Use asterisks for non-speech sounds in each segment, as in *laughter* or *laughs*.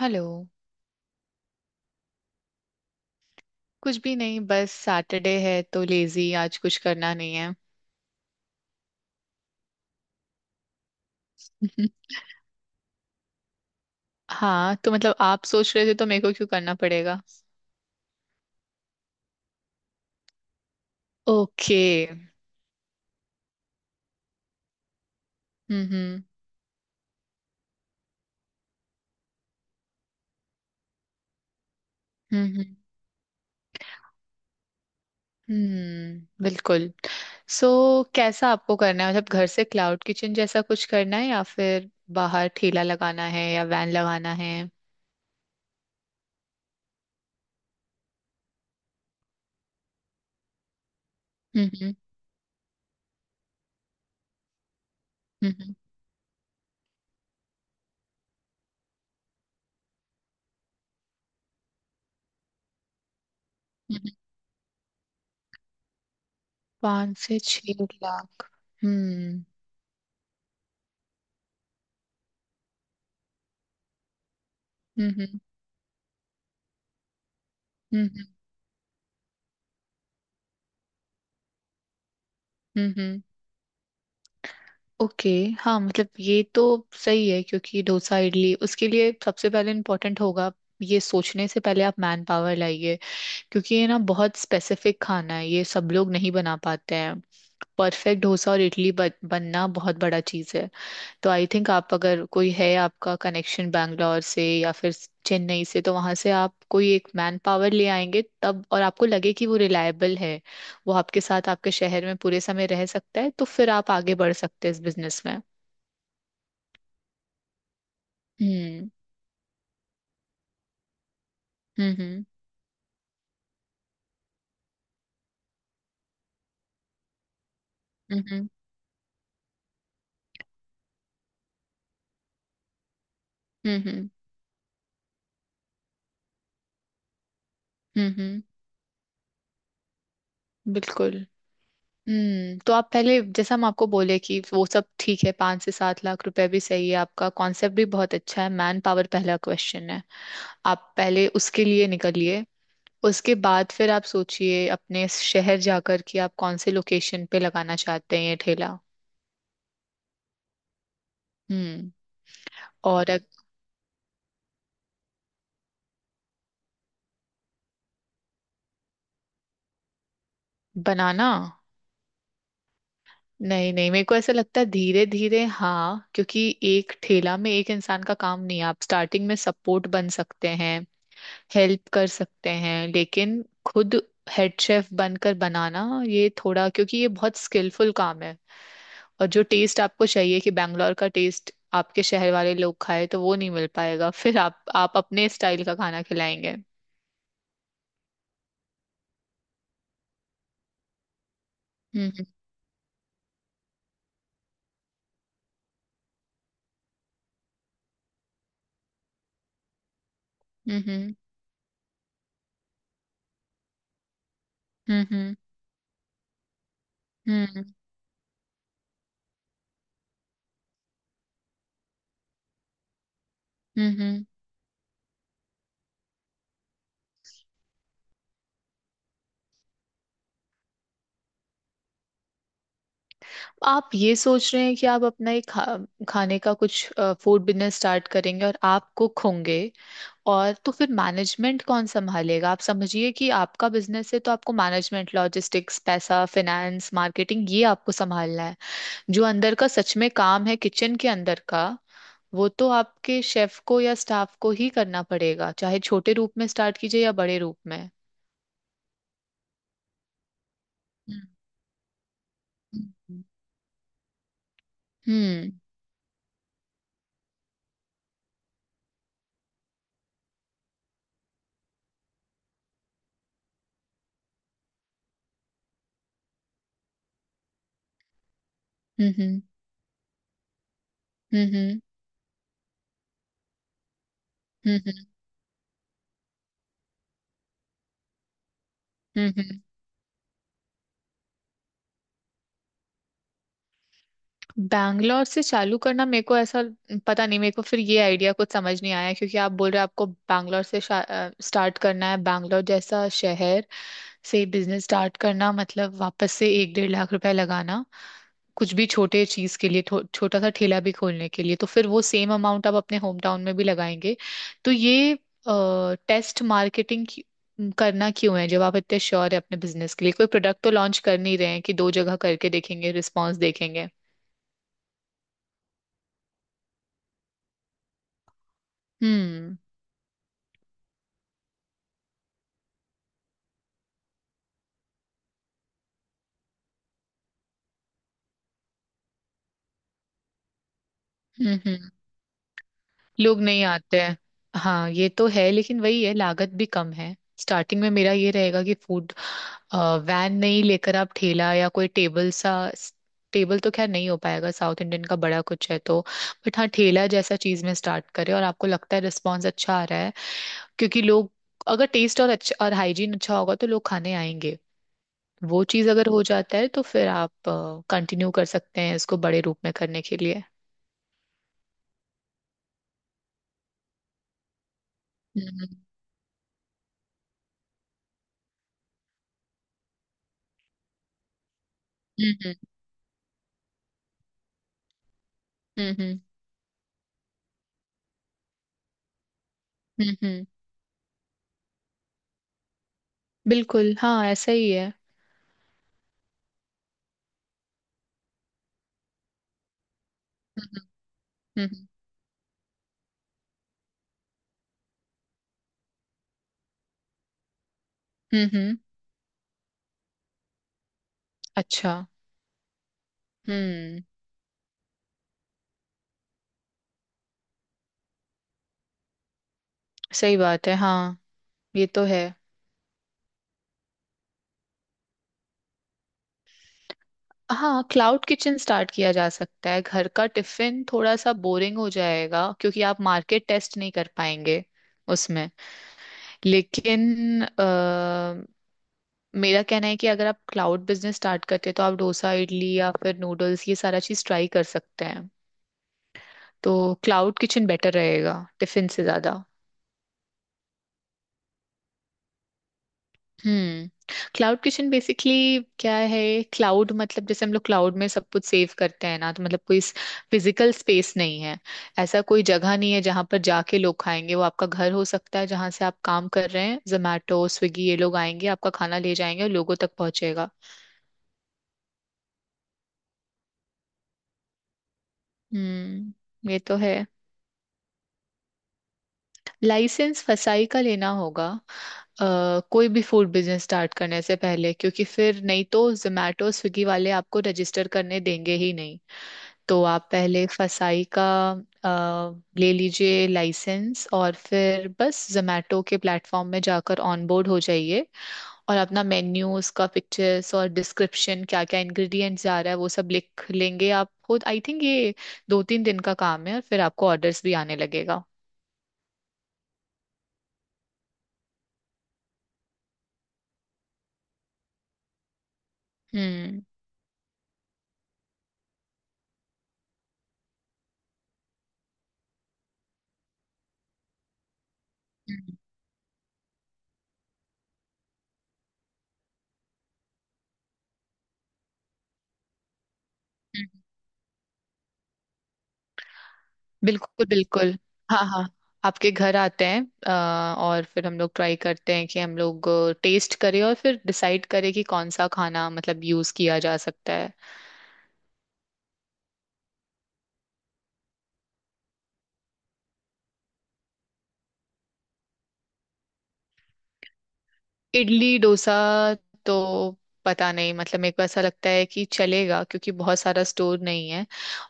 Hello. कुछ भी नहीं, बस सैटरडे है तो लेजी, आज कुछ करना नहीं है। *laughs* हाँ, तो मतलब आप सोच रहे थे तो मेरे को क्यों करना पड़ेगा? ओके। हम्म, हम्म। हम्म, हम्म, बिल्कुल। सो, कैसा आपको करना है? मतलब घर से क्लाउड किचन जैसा कुछ करना है या फिर बाहर ठेला लगाना है या वैन लगाना है? हम्म, हम्म। हम्म, हम्म। 5 से 6 लाख। हम्म, हम्म। हम्म, हम्म। हम्म, ओके। हाँ, मतलब ये तो सही है, क्योंकि डोसा इडली, उसके लिए सबसे पहले इम्पोर्टेंट होगा, ये सोचने से पहले आप मैन पावर लाइए। क्योंकि ये ना बहुत स्पेसिफिक खाना है, ये सब लोग नहीं बना पाते हैं। परफेक्ट डोसा और इडली बनना बहुत बड़ा चीज़ है। तो आई थिंक आप, अगर कोई है आपका कनेक्शन बैंगलोर से या फिर चेन्नई से, तो वहां से आप कोई एक मैन पावर ले आएंगे, तब और आपको लगे कि वो रिलायबल है, वो आपके साथ आपके शहर में पूरे समय रह सकता है, तो फिर आप आगे बढ़ सकते हैं इस बिजनेस में। हम्म, हम्म। हम्म, हम्म। हम्म, हम्म, हम्म, बिल्कुल। हम्म, तो आप पहले, जैसा हम आपको बोले, कि वो सब ठीक है, 5 से 7 लाख रुपए भी सही है, आपका कॉन्सेप्ट भी बहुत अच्छा है, मैन पावर पहला क्वेश्चन है। आप पहले उसके लिए निकलिए। उसके बाद फिर आप सोचिए, अपने शहर जाकर, कि आप कौन से लोकेशन पे लगाना चाहते हैं ये ठेला। हम्म। और अग- बनाना? नहीं नहीं, मेरे को ऐसा लगता है, धीरे धीरे हाँ, क्योंकि एक ठेला में एक इंसान का काम नहीं है। आप स्टार्टिंग में सपोर्ट बन सकते हैं, हेल्प कर सकते हैं, लेकिन खुद हेड शेफ बनकर बनाना, ये थोड़ा, क्योंकि ये बहुत स्किलफुल काम है। और जो टेस्ट आपको चाहिए, कि बैंगलोर का टेस्ट आपके शहर वाले लोग खाए, तो वो नहीं मिल पाएगा, फिर आप अपने स्टाइल का खाना खिलाएंगे। हम्म, हम्म। हम्म, हम्म। हम्म, हम्म। हम्म, हम्म। आप ये सोच रहे हैं कि आप अपना एक खाने का कुछ, फूड बिजनेस स्टार्ट करेंगे और आप कुक होंगे, और तो फिर मैनेजमेंट कौन संभालेगा? आप समझिए कि आपका बिजनेस है, तो आपको मैनेजमेंट, लॉजिस्टिक्स, पैसा, फाइनेंस, मार्केटिंग, ये आपको संभालना है। जो अंदर का सच में काम है, किचन के अंदर का, वो तो आपके शेफ को या स्टाफ को ही करना पड़ेगा, चाहे छोटे रूप में स्टार्ट कीजिए या बड़े रूप में। हम्म, हम्म, हम्म, हम्म। हम्म। हम्म, हम्म। हम्म, हम्म। हम्म। बैंगलोर से चालू करना, मेरे को ऐसा, पता नहीं, मेरे को फिर ये आइडिया कुछ समझ नहीं आया, क्योंकि आप बोल रहे हो आपको बैंगलोर से स्टार्ट करना है। बैंगलोर जैसा शहर से बिजनेस स्टार्ट करना मतलब वापस से एक डेढ़ लाख रुपए लगाना कुछ भी छोटे चीज के लिए, छोटा सा ठेला भी खोलने के लिए, तो फिर वो सेम अमाउंट आप अपने होम टाउन में भी लगाएंगे। तो ये टेस्ट मार्केटिंग करना क्यों है, जब आप इतने श्योर है अपने बिजनेस के लिए? कोई प्रोडक्ट तो लॉन्च कर नहीं रहे हैं कि दो जगह करके देखेंगे, रिस्पॉन्स देखेंगे। हम्म, हम्म। लोग नहीं आते हैं। हाँ, ये तो है, लेकिन वही है, लागत भी कम है। स्टार्टिंग में मेरा ये रहेगा कि फूड वैन नहीं लेकर आप ठेला, या कोई टेबल सा, टेबल तो खैर नहीं हो पाएगा, साउथ इंडियन का बड़ा कुछ है तो, बट हाँ, ठेला जैसा चीज में स्टार्ट करें, और आपको लगता है रिस्पॉन्स अच्छा आ रहा है, क्योंकि लोग, अगर टेस्ट और अच्छा और हाइजीन अच्छा होगा तो लोग खाने आएंगे। वो चीज अगर हो जाता है तो फिर आप कंटिन्यू कर सकते हैं इसको बड़े रूप में करने के लिए। हम्म, हम्म। हम्म, हम्म, हम्म। हम्म, हम्म। बिल्कुल, हाँ, ऐसा ही है। हम्म, हम्म, हम्म। अच्छा। हम्म। सही बात है, हाँ, ये तो है। हाँ, क्लाउड किचन स्टार्ट किया जा सकता है। घर का टिफिन थोड़ा सा बोरिंग हो जाएगा, क्योंकि आप मार्केट टेस्ट नहीं कर पाएंगे उसमें। लेकिन अ, मेरा कहना है कि अगर आप क्लाउड बिजनेस स्टार्ट करते हैं तो आप डोसा, इडली या फिर नूडल्स, ये सारा चीज ट्राई कर सकते हैं। तो क्लाउड किचन बेटर रहेगा टिफिन से ज्यादा। हम्म, क्लाउड किचन बेसिकली क्या है? क्लाउड मतलब जैसे हम लोग क्लाउड में सब कुछ सेव करते हैं ना, तो मतलब कोई फिजिकल स्पेस नहीं है, ऐसा कोई जगह नहीं है जहां पर जाके लोग खाएंगे। वो आपका घर हो सकता है, जहां से आप काम कर रहे हैं, जोमैटो स्विगी ये लोग आएंगे, आपका खाना ले जाएंगे और लोगों तक पहुंचेगा। हम्म, ये तो है। लाइसेंस फसाई का लेना होगा, कोई भी फूड बिजनेस स्टार्ट करने से पहले, क्योंकि फिर नहीं तो जोमैटो स्विगी वाले आपको रजिस्टर करने देंगे ही नहीं। तो आप पहले फसाई का अ, ले लीजिए लाइसेंस, और फिर बस जोमेटो के प्लेटफॉर्म में जाकर ऑनबोर्ड हो जाइए। और अपना मेन्यू, उसका पिक्चर्स और डिस्क्रिप्शन, क्या क्या इंग्रेडिएंट्स जा रहा है, वो सब लिख लेंगे आप खुद। आई थिंक ये 2-3 दिन का काम है और फिर आपको ऑर्डर्स भी आने लगेगा। हम्म, हम्म। बिल्कुल बिल्कुल, हाँ हाँ, आपके घर आते हैं, और फिर हम लोग ट्राई करते हैं कि हम लोग टेस्ट करें, और फिर डिसाइड करें कि कौन सा खाना मतलब यूज किया जा सकता है। इडली डोसा तो, पता नहीं, मतलब मेरे को ऐसा लगता है कि चलेगा, क्योंकि बहुत सारा स्टोर नहीं है।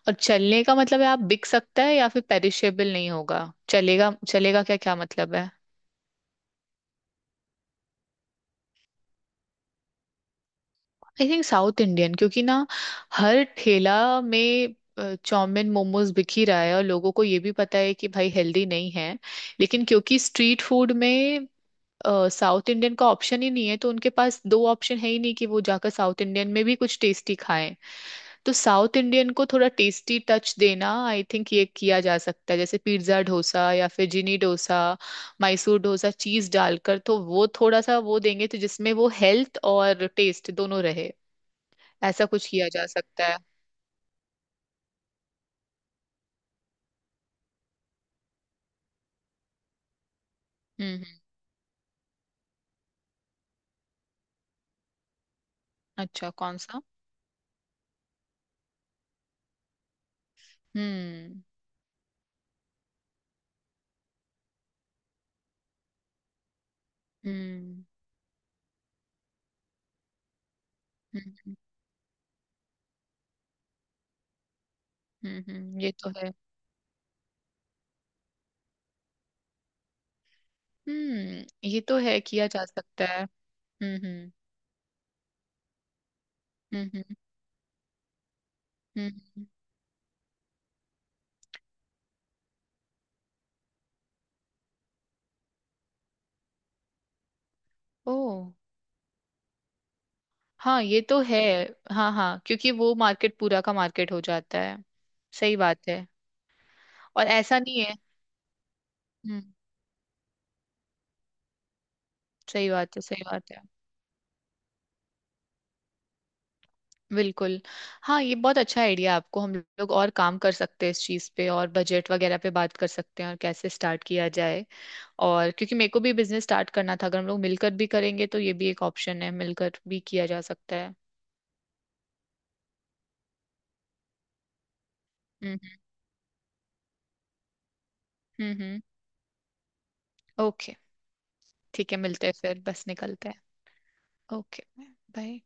और चलने का मतलब है आप, बिक सकता है या फिर पेरिशेबल नहीं होगा? चलेगा, चलेगा क्या क्या मतलब है? आई थिंक साउथ इंडियन, क्योंकि ना हर ठेला में चाउमीन मोमोज बिक ही रहा है, और लोगों को ये भी पता है कि भाई हेल्दी नहीं है, लेकिन क्योंकि स्ट्रीट फूड में साउथ इंडियन का ऑप्शन ही नहीं है, तो उनके पास दो ऑप्शन है ही नहीं कि वो जाकर साउथ इंडियन में भी कुछ टेस्टी खाएं। तो साउथ इंडियन को थोड़ा टेस्टी टच देना, आई थिंक ये किया जा सकता है, जैसे पिज्ज़ा डोसा या फिर जिनी डोसा, मैसूर डोसा चीज डालकर, तो वो थोड़ा सा वो देंगे, तो जिसमें वो हेल्थ और टेस्ट दोनों रहे। ऐसा कुछ किया जा सकता है। हम्म, हम्म। अच्छा, कौन सा? हम्म, हम्म। हम्म, हम्म। ये तो है। हम्म, ये तो है, किया जा सकता है। हम्म, हम्म। हम्म, हम्म, हम्म। ओ, हाँ, ये तो है। हाँ हाँ, क्योंकि वो मार्केट पूरा का मार्केट हो जाता है। सही बात है। और ऐसा नहीं है। हम्म। सही बात है, सही बात है। बिल्कुल। हाँ, ये बहुत अच्छा आइडिया है आपको। हम लोग और काम कर सकते हैं इस चीज़ पे, और बजट वगैरह पे बात कर सकते हैं, और कैसे स्टार्ट किया जाए। और क्योंकि मेरे को भी बिजनेस स्टार्ट करना था, अगर हम लोग मिलकर भी करेंगे तो ये भी एक ऑप्शन है, मिलकर भी किया जा सकता है। हम्म, हम्म, हम्म, ओके। ठीक है, मिलते हैं फिर, बस निकलते हैं। Okay, bye.